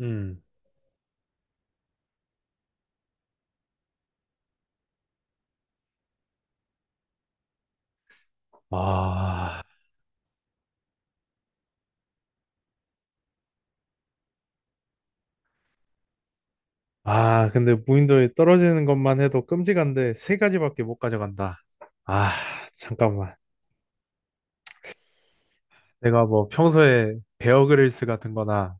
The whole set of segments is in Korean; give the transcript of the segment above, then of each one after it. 음. 아, 아, 근데 무인도에 떨어지는 것만 해도 끔찍한데 세 가지밖에 못 가져간다. 아, 잠깐만. 내가 뭐 평소에 베어그릴스 같은 거나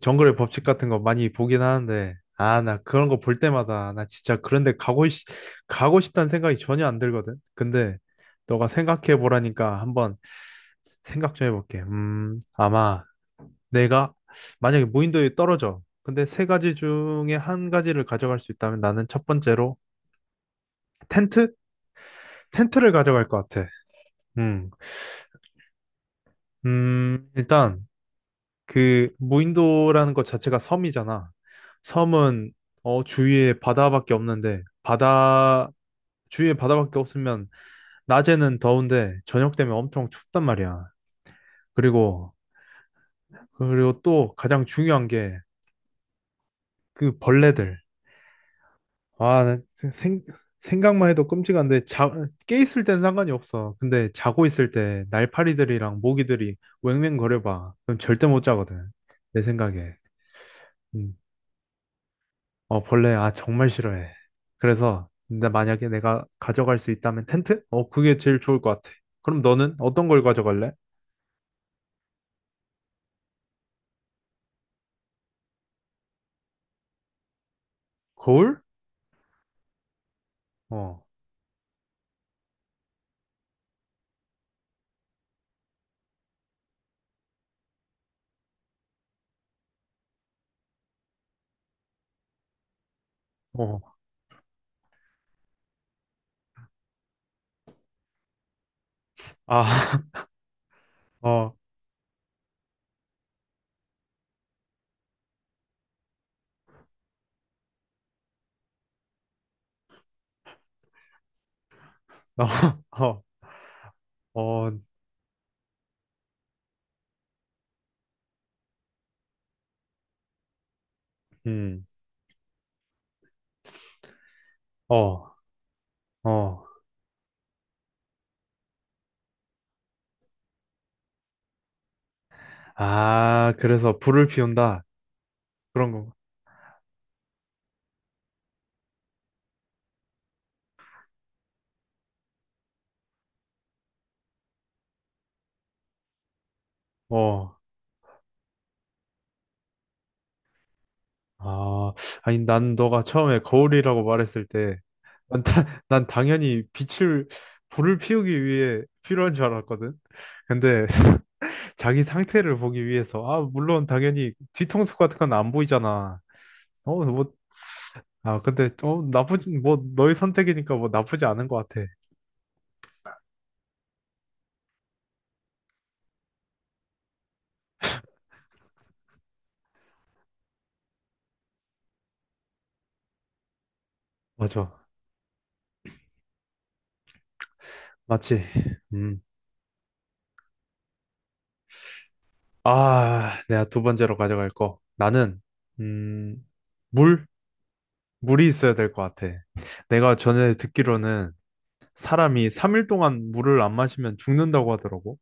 정글의 법칙 같은 거 많이 보긴 하는데, 아, 나 그런 거 볼 때마다 나 진짜 그런데 가고 싶다는 생각이 전혀 안 들거든. 근데 너가 생각해 보라니까 한번 생각 좀 해볼게. 아마 내가 만약에 무인도에 떨어져. 근데 세 가지 중에 한 가지를 가져갈 수 있다면 나는 첫 번째로 텐트? 텐트를 가져갈 것 같아. 음. 일단 그 무인도라는 것 자체가 섬이잖아. 섬은 어, 주위에 바다밖에 없는데, 바다 주위에 바다밖에 없으면 낮에는 더운데 저녁 되면 엄청 춥단 말이야. 그리고 또 가장 중요한 게 그 벌레들. 아, 나 각만 해도 끔찍한데, 깨 있을 땐 상관이 없어. 근데 자고 있을 때 날파리들이랑 모기들이 웽웽거려봐. 그럼 절대 못 자거든. 내 생각에. 음. 어, 벌레, 아, 정말 싫어해. 그래서, 근데 만약에 내가 가져갈 수 있다면 텐트? 어, 그게 제일 좋을 것 같아. 그럼 너는 어떤 걸 가져갈래? 거울? 어, 어, 아, 어, 어, 어, 어, 음, 어, 어. 아, 그래서 불을 피운다. 그런 거. 어, 아, 아니, 난 너가 처음에 거울이라고 말했을 때, 난, 다- 난 당연히 빛을, 불을 피우기 위해 필요한 줄 알았거든. 근데 자기 상태를 보기 위해서, 아, 물론 당연히 뒤통수 같은 건 안 보이잖아. 어, 뭐, 아, 근데, 어, 나쁘지, 뭐, 너의 선택이니까 뭐 나쁘지 않은 것 같아. 맞아. 맞지. 음. 아, 내가 두 번째로 가져갈 거. 나는, 음, 물? 물이 있어야 될 것 같아. 내가 전에 듣기로는 사람이 3일 동안 물을 안 마시면 죽는다고 하더라고.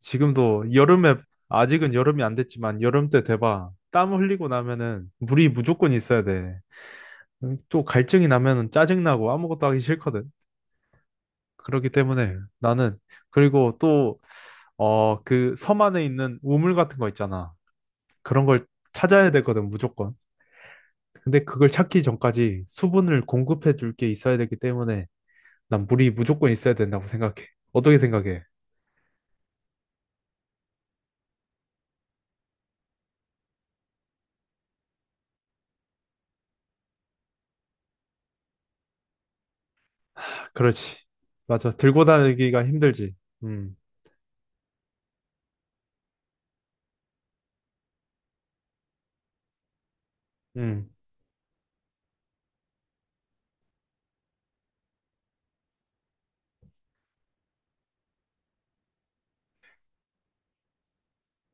지금도 여름에, 아직은 여름이 안 됐지만 여름 때 돼봐. 땀 흘리고 나면은 물이 무조건 있어야 돼. 또 갈증이 나면은 짜증나고 아무것도 하기 싫거든. 그렇기 때문에 나는, 그리고 또, 어, 그 섬 안에 있는 우물 같은 거 있잖아. 그런 걸 찾아야 되거든, 무조건. 근데 그걸 찾기 전까지 수분을 공급해 줄 게 있어야 되기 때문에 난 물이 무조건 있어야 된다고 생각해. 어떻게 생각해? 아, 그렇지. 맞아. 들고 다니기가 힘들지. 음, 음.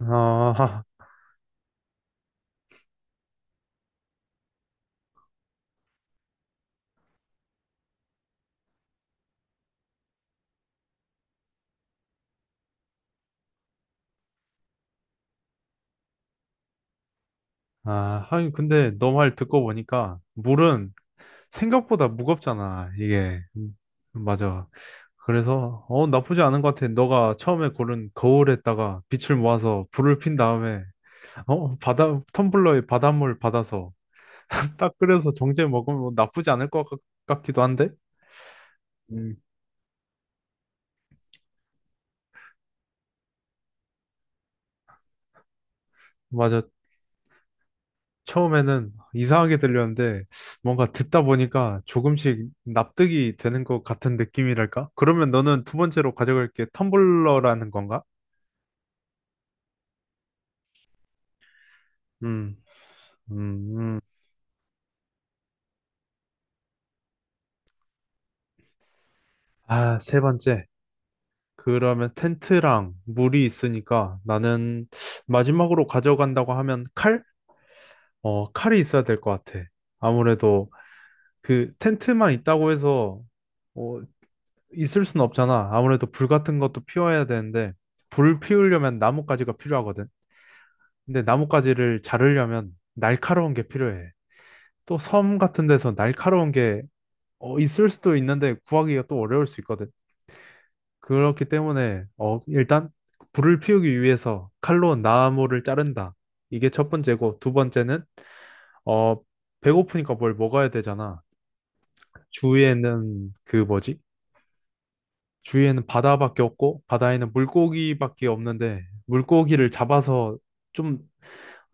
아, 아, 하긴 근데 너 말 듣고 보니까 물은 생각보다 무겁잖아. 이게. 맞아. 그래서 어 나쁘지 않은 것 같아. 너가 처음에 고른 거울에다가 빛을 모아서 불을 핀 다음에 어 바다 텀블러에 바닷물 받아서 딱 끓여서 정제 먹으면 뭐 나쁘지 않을 것 같- 같기도 한데. 음. 맞아. 처음에는 이상하게 들렸는데 뭔가 듣다 보니까 조금씩 납득이 되는 것 같은 느낌이랄까? 그러면 너는 두 번째로 가져갈 게 텀블러라는 건가? 음, 음, 음. 아, 세 번째. 그러면 텐트랑 물이 있으니까 나는 마지막으로 가져간다고 하면 칼? 어, 칼이 있어야 될 것 같아. 아무래도 그 텐트만 있다고 해서 어, 있을 순 없잖아. 아무래도 불 같은 것도 피워야 되는데 불 피우려면 나뭇가지가 필요하거든. 근데 나뭇가지를 자르려면 날카로운 게 필요해. 또 섬 같은 데서 날카로운 게 어, 있을 수도 있는데 구하기가 또 어려울 수 있거든. 그렇기 때문에 어, 일단 불을 피우기 위해서 칼로 나무를 자른다. 이게 첫 번째고 두 번째는 어, 배고프니까 뭘 먹어야 되잖아. 주위에는 그 뭐지? 주위에는 바다밖에 없고 바다에는 물고기밖에 없는데 물고기를 잡아서 좀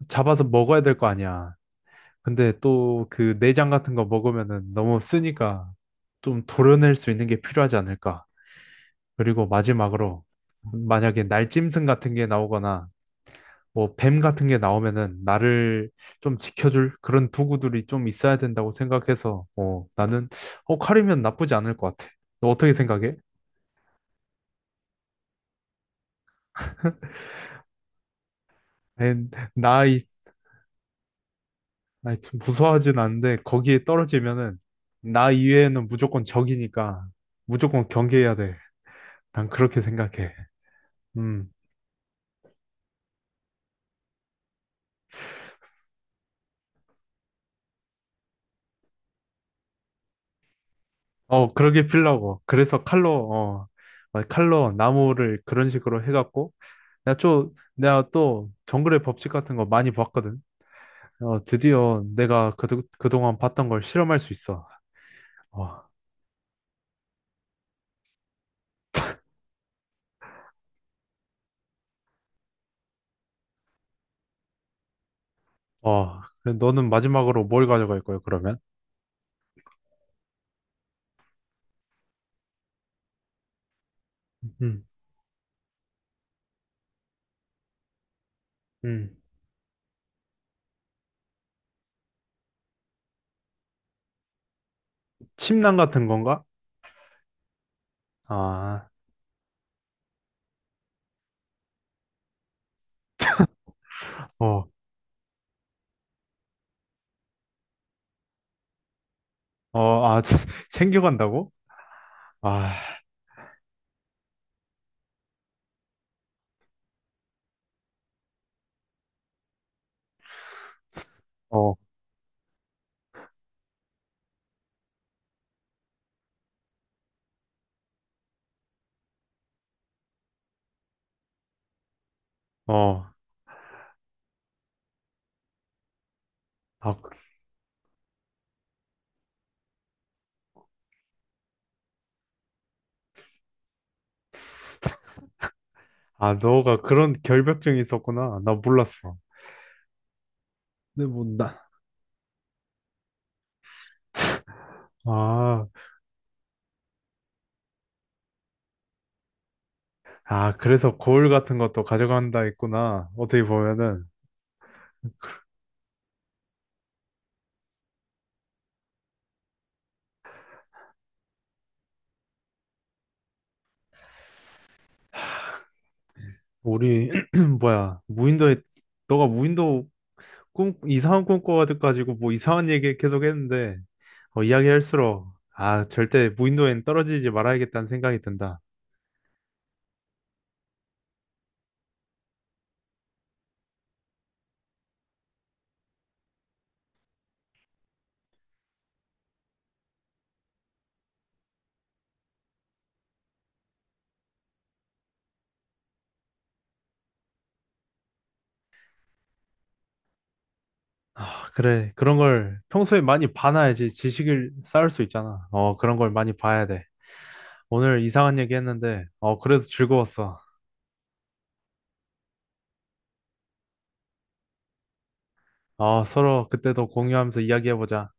잡아서 먹어야 될 거 아니야. 근데 또 그 내장 같은 거 먹으면은 너무 쓰니까 좀 도려낼 수 있는 게 필요하지 않을까. 그리고 마지막으로 만약에 날짐승 같은 게 나오거나 뭐 뱀 같은 게 나오면은 나를 좀 지켜줄 그런 도구들이 좀 있어야 된다고 생각해서 어, 나는 어, 칼이면 나쁘지 않을 것 같아. 너 어떻게 생각해? 에, 나이 아이, 좀 무서워하진 않은데 거기에 떨어지면은 나 이외에는 무조건 적이니까 무조건 경계해야 돼. 난 그렇게 생각해. 음. 어, 그러게 필라고. 그래서 칼로, 어, 막 칼로 나무를 그런 식으로 해갖고, 내가 또 정글의 법칙 같은 거 많이 봤거든. 어, 드디어 내가 그동안 봤던 걸 실험할 수 있어. 어, 어, 그 너는 마지막으로 뭘 가져갈 거야, 그러면? 음, 음. 침낭 같은 건가? 아, 어, 어, 아, 챙겨간다고? 아, 어, 어. 아, 그- 아, 너가 그런 결벽증이 있었구나. 나 몰랐어. 근데 뭐, 나, 아. 아, 그래서 거울 같은 것도 가져간다 했구나. 어떻게 보면은 우리 뭐야 무인도에 너가 무인도 꿈 이상한 꿈 꿔가지고 뭐 이상한 얘기 계속 했는데 어, 이야기할수록 아 절대 무인도엔 떨어지지 말아야겠다는 생각이 든다. 아 그래 그런 걸 평소에 많이 봐놔야지 지식을 쌓을 수 있잖아. 어 그런 걸 많이 봐야 돼. 오늘 이상한 얘기 했는데 어 그래도 즐거웠어. 어 서로 그때 더 공유하면서 이야기해보자.